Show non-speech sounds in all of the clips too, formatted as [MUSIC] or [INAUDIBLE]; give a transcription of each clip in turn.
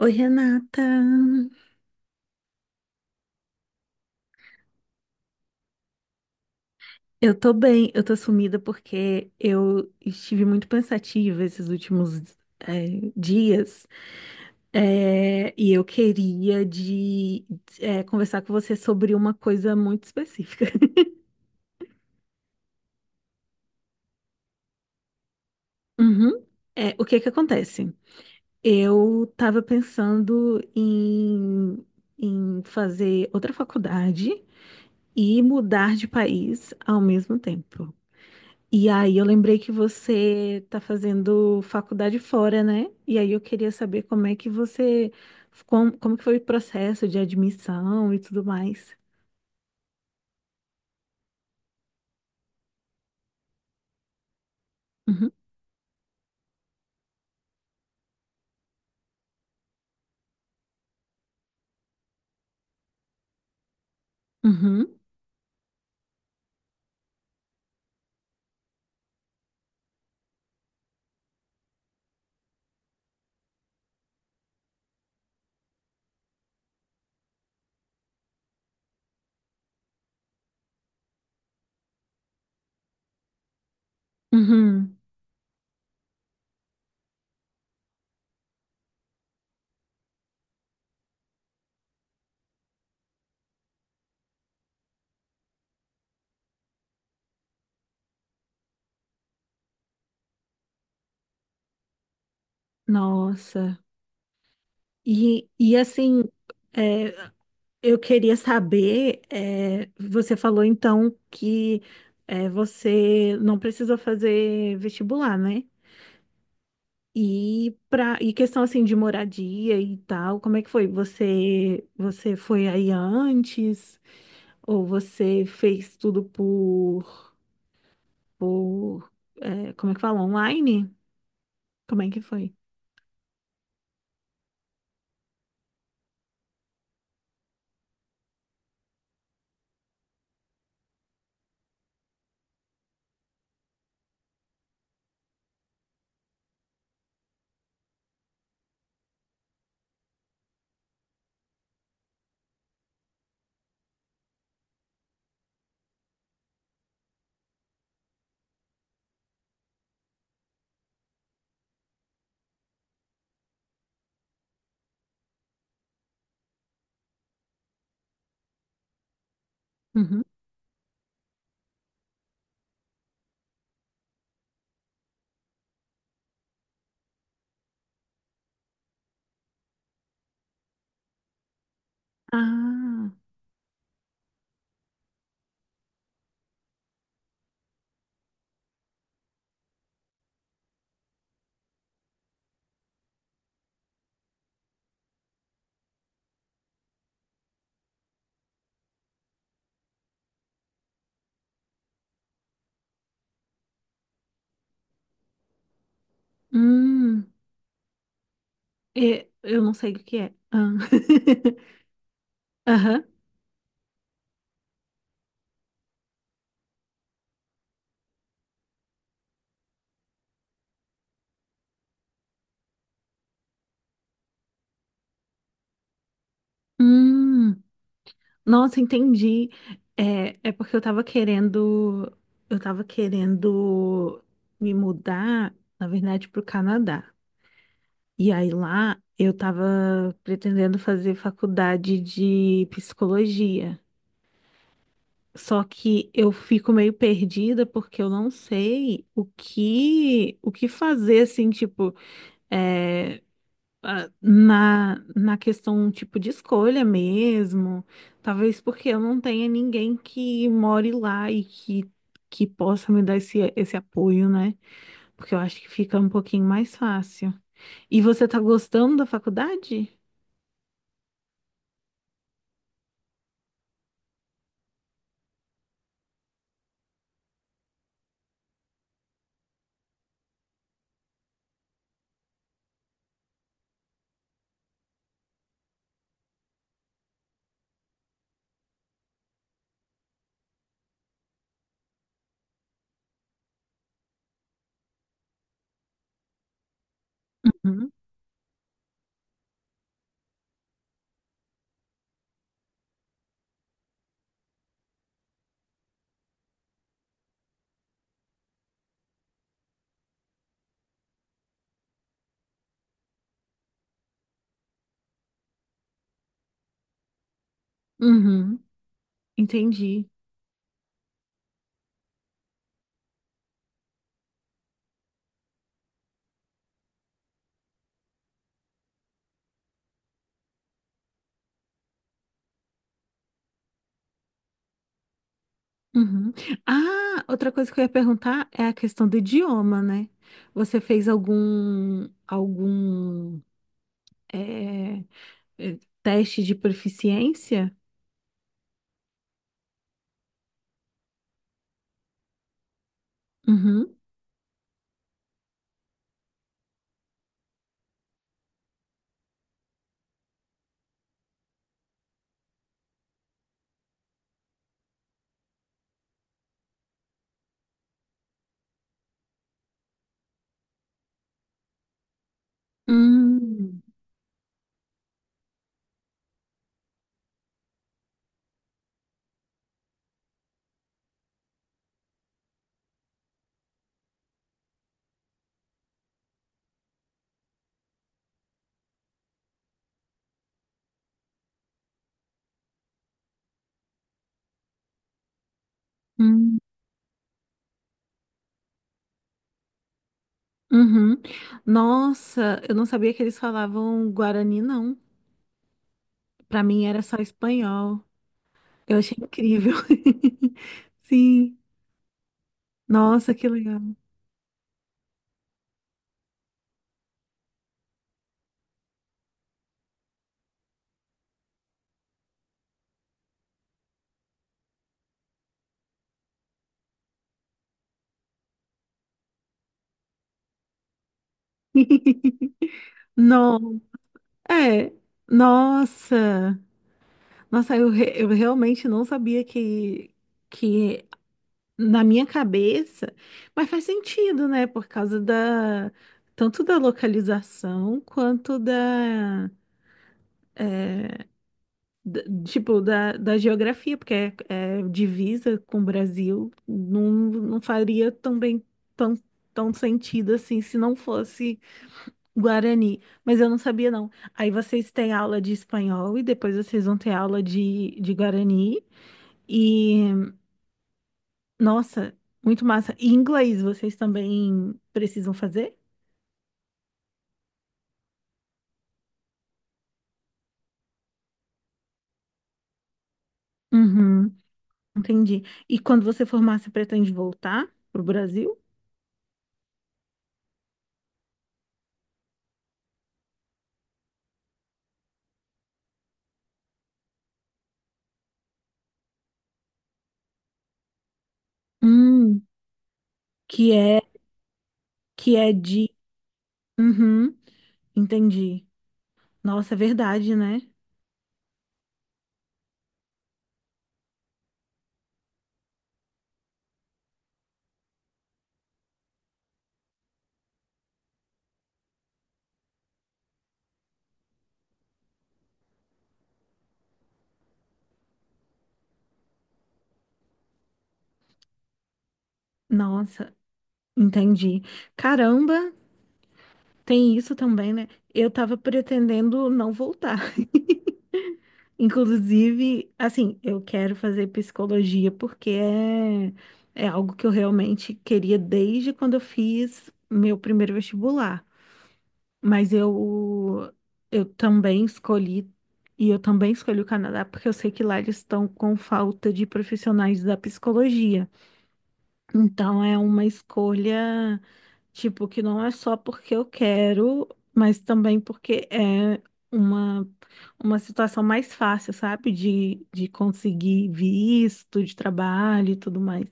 Oi, Renata. Eu tô bem, eu tô sumida porque eu estive muito pensativa esses últimos dias, e eu queria conversar com você sobre uma coisa muito específica. [LAUGHS] Uhum. É, o que que acontece? Eu estava pensando em, em fazer outra faculdade e mudar de país ao mesmo tempo. E aí eu lembrei que você tá fazendo faculdade fora, né? E aí eu queria saber como é que você, como que foi o processo de admissão e tudo mais. Uhum, uhum, uhum. Nossa. E assim, é, eu queria saber, é, você falou então que é, você não precisou fazer vestibular, né? E questão assim de moradia e tal, como é que foi? Você foi aí antes ou você fez tudo por é, como é que fala? Online? Como é que foi? Uhum. Ah, hum, eu não sei o que é. Ah. [LAUGHS] Aham. Hum, nossa, entendi. É, é porque eu tava querendo me mudar, na verdade, pro Canadá. E aí lá eu tava pretendendo fazer faculdade de psicologia. Só que eu fico meio perdida porque eu não sei o que fazer assim, tipo, é, ah, na questão tipo de escolha mesmo. Talvez porque eu não tenha ninguém que more lá que possa me dar esse apoio, né? Porque eu acho que fica um pouquinho mais fácil. E você tá gostando da faculdade? Uhum, entendi. Uhum. Ah, outra coisa que eu ia perguntar é a questão do idioma, né? Você fez algum é, é, teste de proficiência? Uhum. Hum, hum, uhum. Nossa, eu não sabia que eles falavam guarani, não. Para mim era só espanhol. Eu achei incrível. [LAUGHS] Sim. Nossa, que legal. [LAUGHS] Não, é. Nossa. Nossa, eu, eu realmente não sabia que na minha cabeça, mas faz sentido, né? Por causa da, tanto da localização quanto tipo da geografia, porque é, é divisa com o Brasil, não, não faria também tão, tão sentido assim se não fosse Guarani. Mas eu não sabia, não. Aí vocês têm aula de espanhol e depois vocês vão ter aula de Guarani. E nossa, muito massa. E inglês, vocês também precisam fazer? Uhum, entendi. E quando você formar, você pretende voltar pro Brasil? Hum, que é que é de. Uhum, entendi. Nossa, é verdade, né? Nossa, entendi. Caramba, tem isso também, né? Eu tava pretendendo não voltar. [LAUGHS] Inclusive, assim, eu quero fazer psicologia porque é, é algo que eu realmente queria desde quando eu fiz meu primeiro vestibular. Mas eu, eu também escolhi, e eu também escolhi o Canadá porque eu sei que lá eles estão com falta de profissionais da psicologia. Então é uma escolha, tipo, que não é só porque eu quero, mas também porque é uma, uma situação mais fácil, sabe? De conseguir visto de trabalho e tudo mais.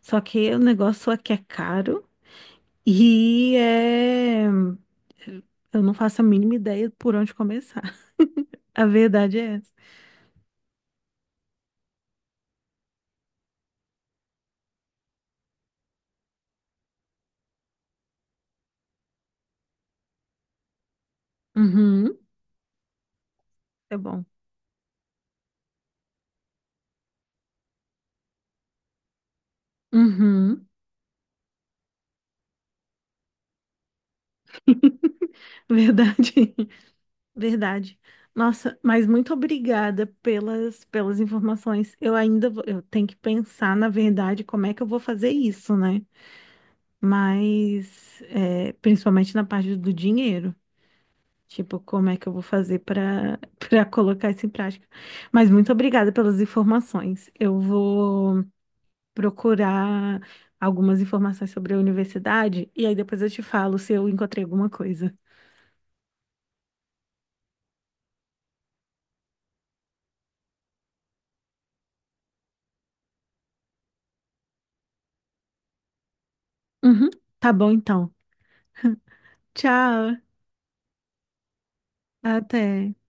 Só que o negócio aqui é caro e é. Eu não faço a mínima ideia por onde começar. [LAUGHS] A verdade é essa. Uhum, é bom. Uhum, [LAUGHS] verdade. Verdade. Nossa, mas muito obrigada pelas, pelas informações. Eu tenho que pensar, na verdade, como é que eu vou fazer isso, né? Mas, é, principalmente na parte do dinheiro. Tipo, como é que eu vou fazer para [LAUGHS] colocar isso em prática? Mas muito obrigada pelas informações. Eu vou procurar algumas informações sobre a universidade e aí depois eu te falo se eu encontrei alguma coisa. Uhum, tá bom, então. Tchau, até.